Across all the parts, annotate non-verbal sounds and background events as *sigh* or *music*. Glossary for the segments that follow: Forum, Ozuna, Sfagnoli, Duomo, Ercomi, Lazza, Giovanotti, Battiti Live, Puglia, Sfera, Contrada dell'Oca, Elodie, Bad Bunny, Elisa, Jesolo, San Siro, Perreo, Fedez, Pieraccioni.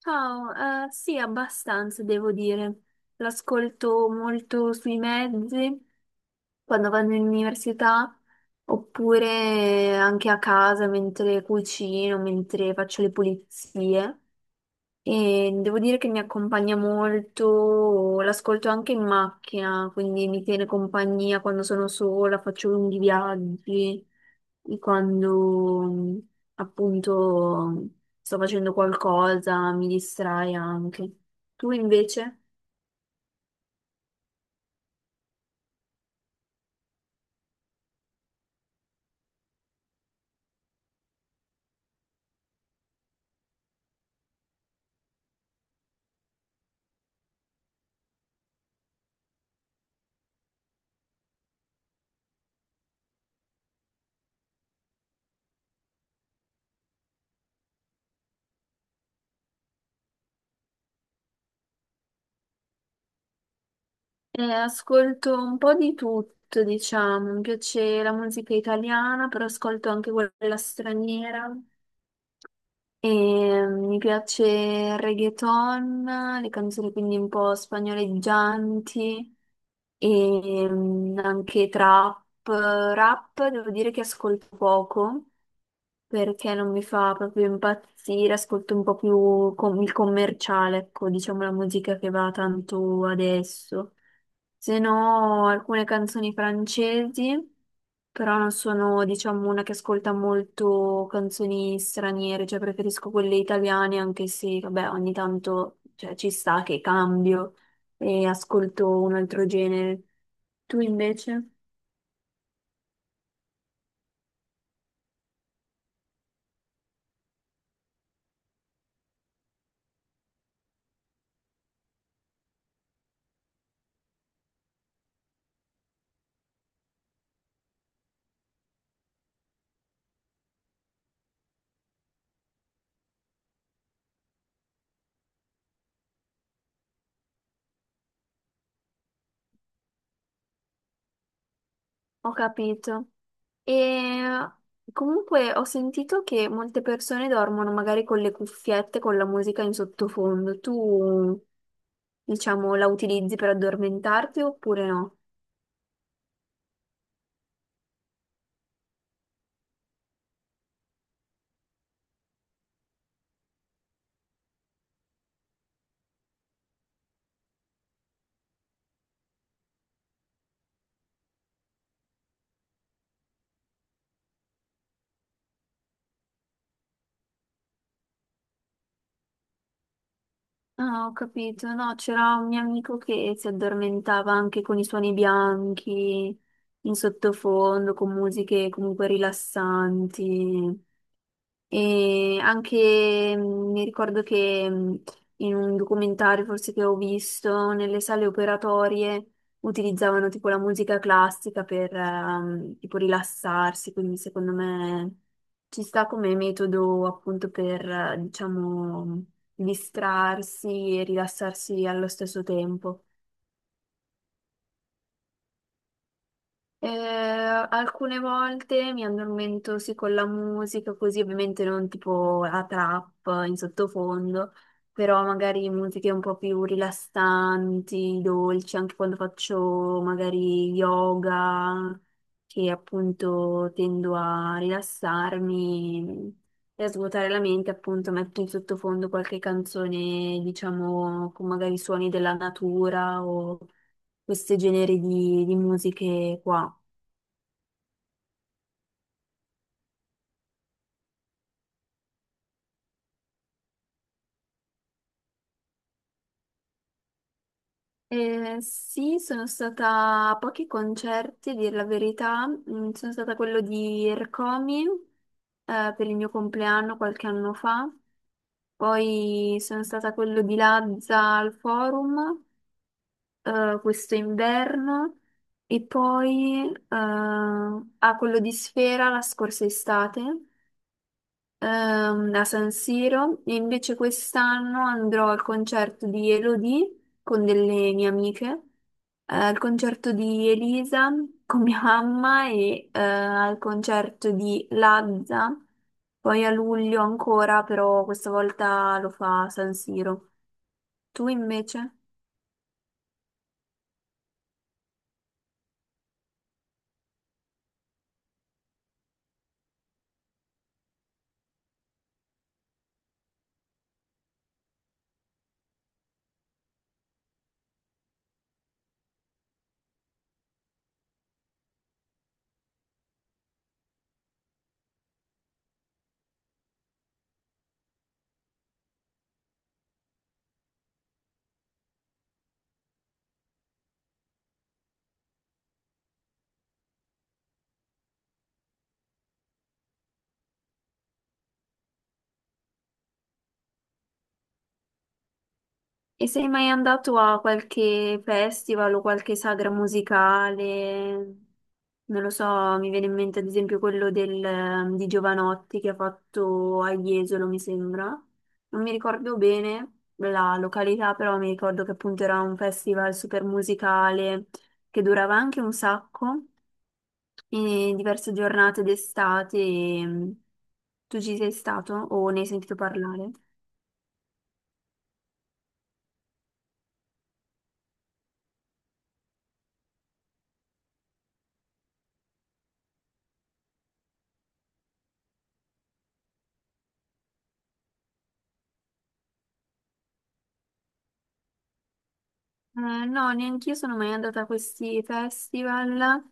Ciao, sì, abbastanza devo dire. L'ascolto molto sui mezzi, quando vado in università, oppure anche a casa mentre cucino, mentre faccio le pulizie. E devo dire che mi accompagna molto, l'ascolto anche in macchina, quindi mi tiene compagnia quando sono sola, faccio lunghi viaggi, e quando appunto sto facendo qualcosa, mi distrae anche. Tu invece? Ascolto un po' di tutto, diciamo, mi piace la musica italiana, però ascolto anche quella straniera. E mi piace il reggaeton, le canzoni quindi un po' spagnoleggianti e anche trap. Rap devo dire che ascolto poco perché non mi fa proprio impazzire, ascolto un po' più il commerciale, ecco, diciamo la musica che va tanto adesso. Se no, alcune canzoni francesi, però non sono, diciamo, una che ascolta molto canzoni straniere, cioè preferisco quelle italiane, anche se, vabbè, ogni tanto, cioè, ci sta che cambio e ascolto un altro genere. Tu invece? Ho capito. E comunque ho sentito che molte persone dormono magari con le cuffiette, con la musica in sottofondo. Tu, diciamo, la utilizzi per addormentarti oppure no? Ah, ho capito. No, c'era un mio amico che si addormentava anche con i suoni bianchi in sottofondo, con musiche comunque rilassanti. E anche mi ricordo che in un documentario forse che ho visto, nelle sale operatorie utilizzavano tipo la musica classica per tipo rilassarsi, quindi secondo me ci sta come metodo appunto per diciamo distrarsi e rilassarsi allo stesso tempo. Alcune volte mi addormento sì con la musica, così ovviamente non tipo la trap in sottofondo, però magari musiche un po' più rilassanti, dolci, anche quando faccio magari yoga, che appunto tendo a rilassarmi e a svuotare la mente, appunto metto in sottofondo qualche canzone, diciamo, con magari suoni della natura o questi generi di musiche qua. Sì, sono stata a pochi concerti, a dire la verità. Mm, sono stata a quello di Ercomi, per il mio compleanno qualche anno fa. Poi sono stata a quello di Lazza al Forum, questo inverno. E poi, a quello di Sfera la scorsa estate a San Siro, e invece quest'anno andrò al concerto di Elodie con delle mie amiche, al concerto di Elisa con mia mamma e al concerto di Lazza, poi a luglio ancora, però questa volta lo fa a San Siro. Tu invece? E sei mai andato a qualche festival o qualche sagra musicale? Non lo so, mi viene in mente ad esempio quello del, di Giovanotti che ha fatto a Jesolo, mi sembra. Non mi ricordo bene la località, però mi ricordo che appunto era un festival super musicale che durava anche un sacco, e diverse giornate d'estate. Tu ci sei stato o ne hai sentito parlare? No, neanche io sono mai andata a questi festival,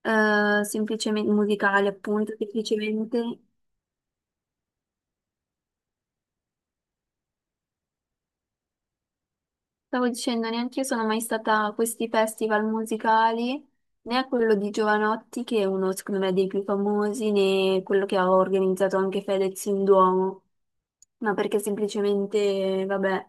semplicemente musicali, appunto, semplicemente. Stavo dicendo, neanche io sono mai stata a questi festival musicali, né a quello di Giovanotti, che è uno, secondo me, dei più famosi, né quello che ha organizzato anche Fedez in Duomo, ma perché semplicemente, vabbè,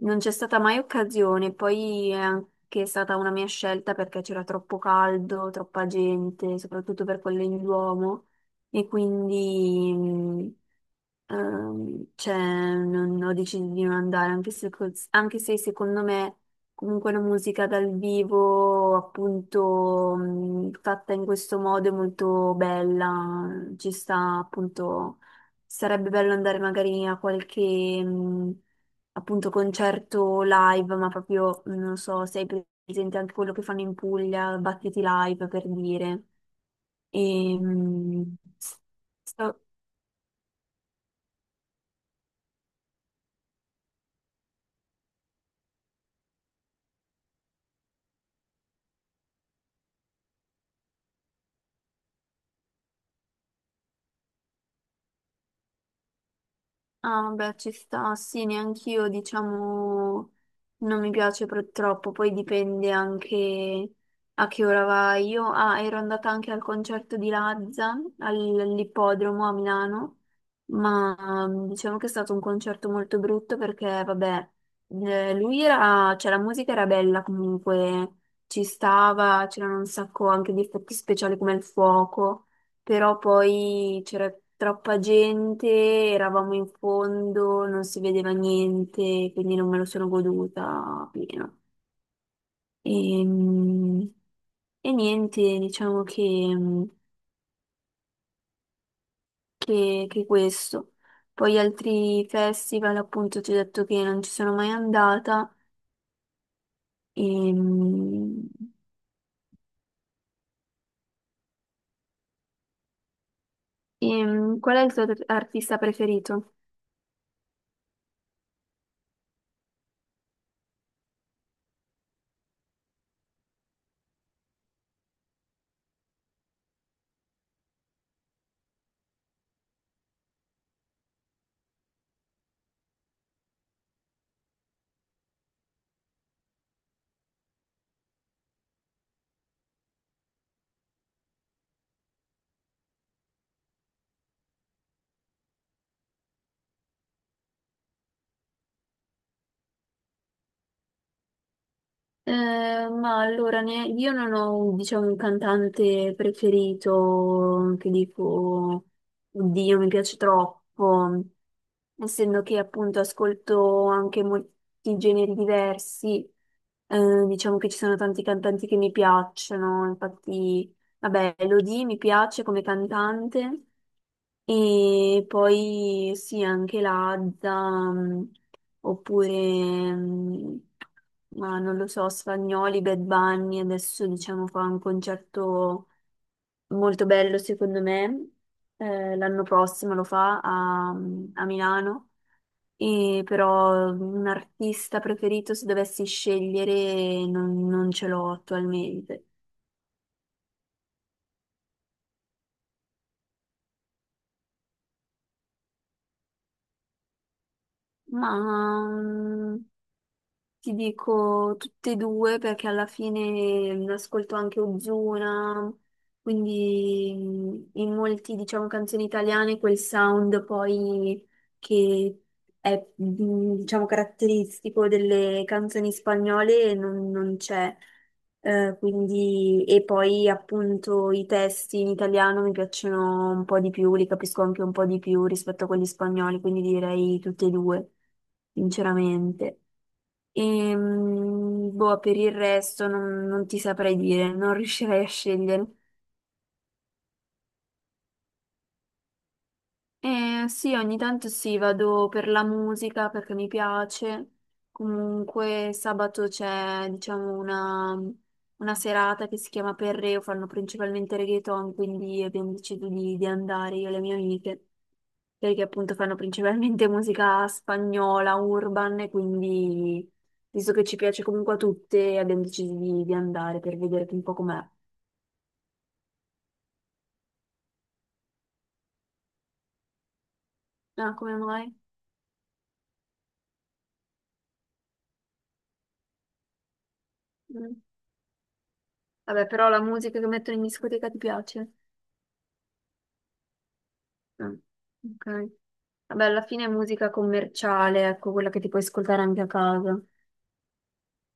non c'è stata mai occasione. Poi è anche stata una mia scelta perché c'era troppo caldo, troppa gente, soprattutto per quello in Duomo. E quindi cioè, non, ho deciso di non andare, anche se, anche se secondo me comunque la musica dal vivo, appunto, fatta in questo modo è molto bella, ci sta appunto, sarebbe bello andare magari a qualche... mh, appunto concerto live, ma proprio non so se hai presente anche quello che fanno in Puglia, Battiti Live per dire. Ehm, sto- ah, vabbè, ci sta, sì, neanch'io, diciamo, non mi piace troppo, poi dipende anche a che ora vai. Io, ah, ero andata anche al concerto di Lazza, all'ippodromo a Milano, ma diciamo che è stato un concerto molto brutto perché, vabbè, lui era, cioè la musica era bella comunque, ci stava, c'erano un sacco anche di effetti speciali come il fuoco. Però poi c'era troppa gente, eravamo in fondo, non si vedeva niente, quindi non me lo sono goduta pieno. Ehm, E, niente, diciamo che questo. Poi altri festival, appunto, ti ho detto che non ci sono mai andata. Ehm, Qual è il tuo artista preferito? Ma allora, io non ho, diciamo, un cantante preferito che dico, oddio, mi piace troppo, essendo che appunto ascolto anche molti generi diversi, diciamo che ci sono tanti cantanti che mi piacciono, infatti, vabbè, Elodie mi piace come cantante, e poi sì, anche l'Azza, mh, oppure, ma non lo so, Sfagnoli, Bad Bunny, adesso diciamo fa un concerto molto bello secondo me. L'anno prossimo lo fa a, a Milano, e però un artista preferito se dovessi scegliere non ce l'ho attualmente. Ma... mm, ti dico tutte e due perché alla fine ascolto anche Ozuna, quindi in molti, diciamo, canzoni italiane quel sound poi che è, diciamo, caratteristico delle canzoni spagnole non c'è. Quindi, e poi appunto i testi in italiano mi piacciono un po' di più, li capisco anche un po' di più rispetto a quelli spagnoli, quindi direi tutte e due, sinceramente. E, boh, per il resto non ti saprei dire, non riuscirei a scegliere. Sì, ogni tanto sì, vado per la musica perché mi piace. Comunque sabato c'è, diciamo, una serata che si chiama Perreo, fanno principalmente reggaeton, quindi abbiamo deciso di andare io e le mie amiche, perché appunto fanno principalmente *laughs* musica spagnola, urban, e quindi visto che ci piace comunque a tutte, abbiamo deciso di andare per vedere un po' com'è. Ah, come mai? Mm. Vabbè, però la musica che mettono in discoteca ti piace? Mm. Ok. Vabbè, alla fine è musica commerciale, ecco, quella che ti puoi ascoltare anche a casa.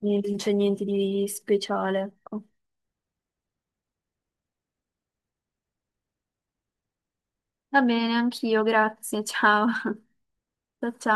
Niente- non c'è niente di speciale, ecco. Va bene, anch'io, grazie, ciao. *laughs* Ciao, ciao.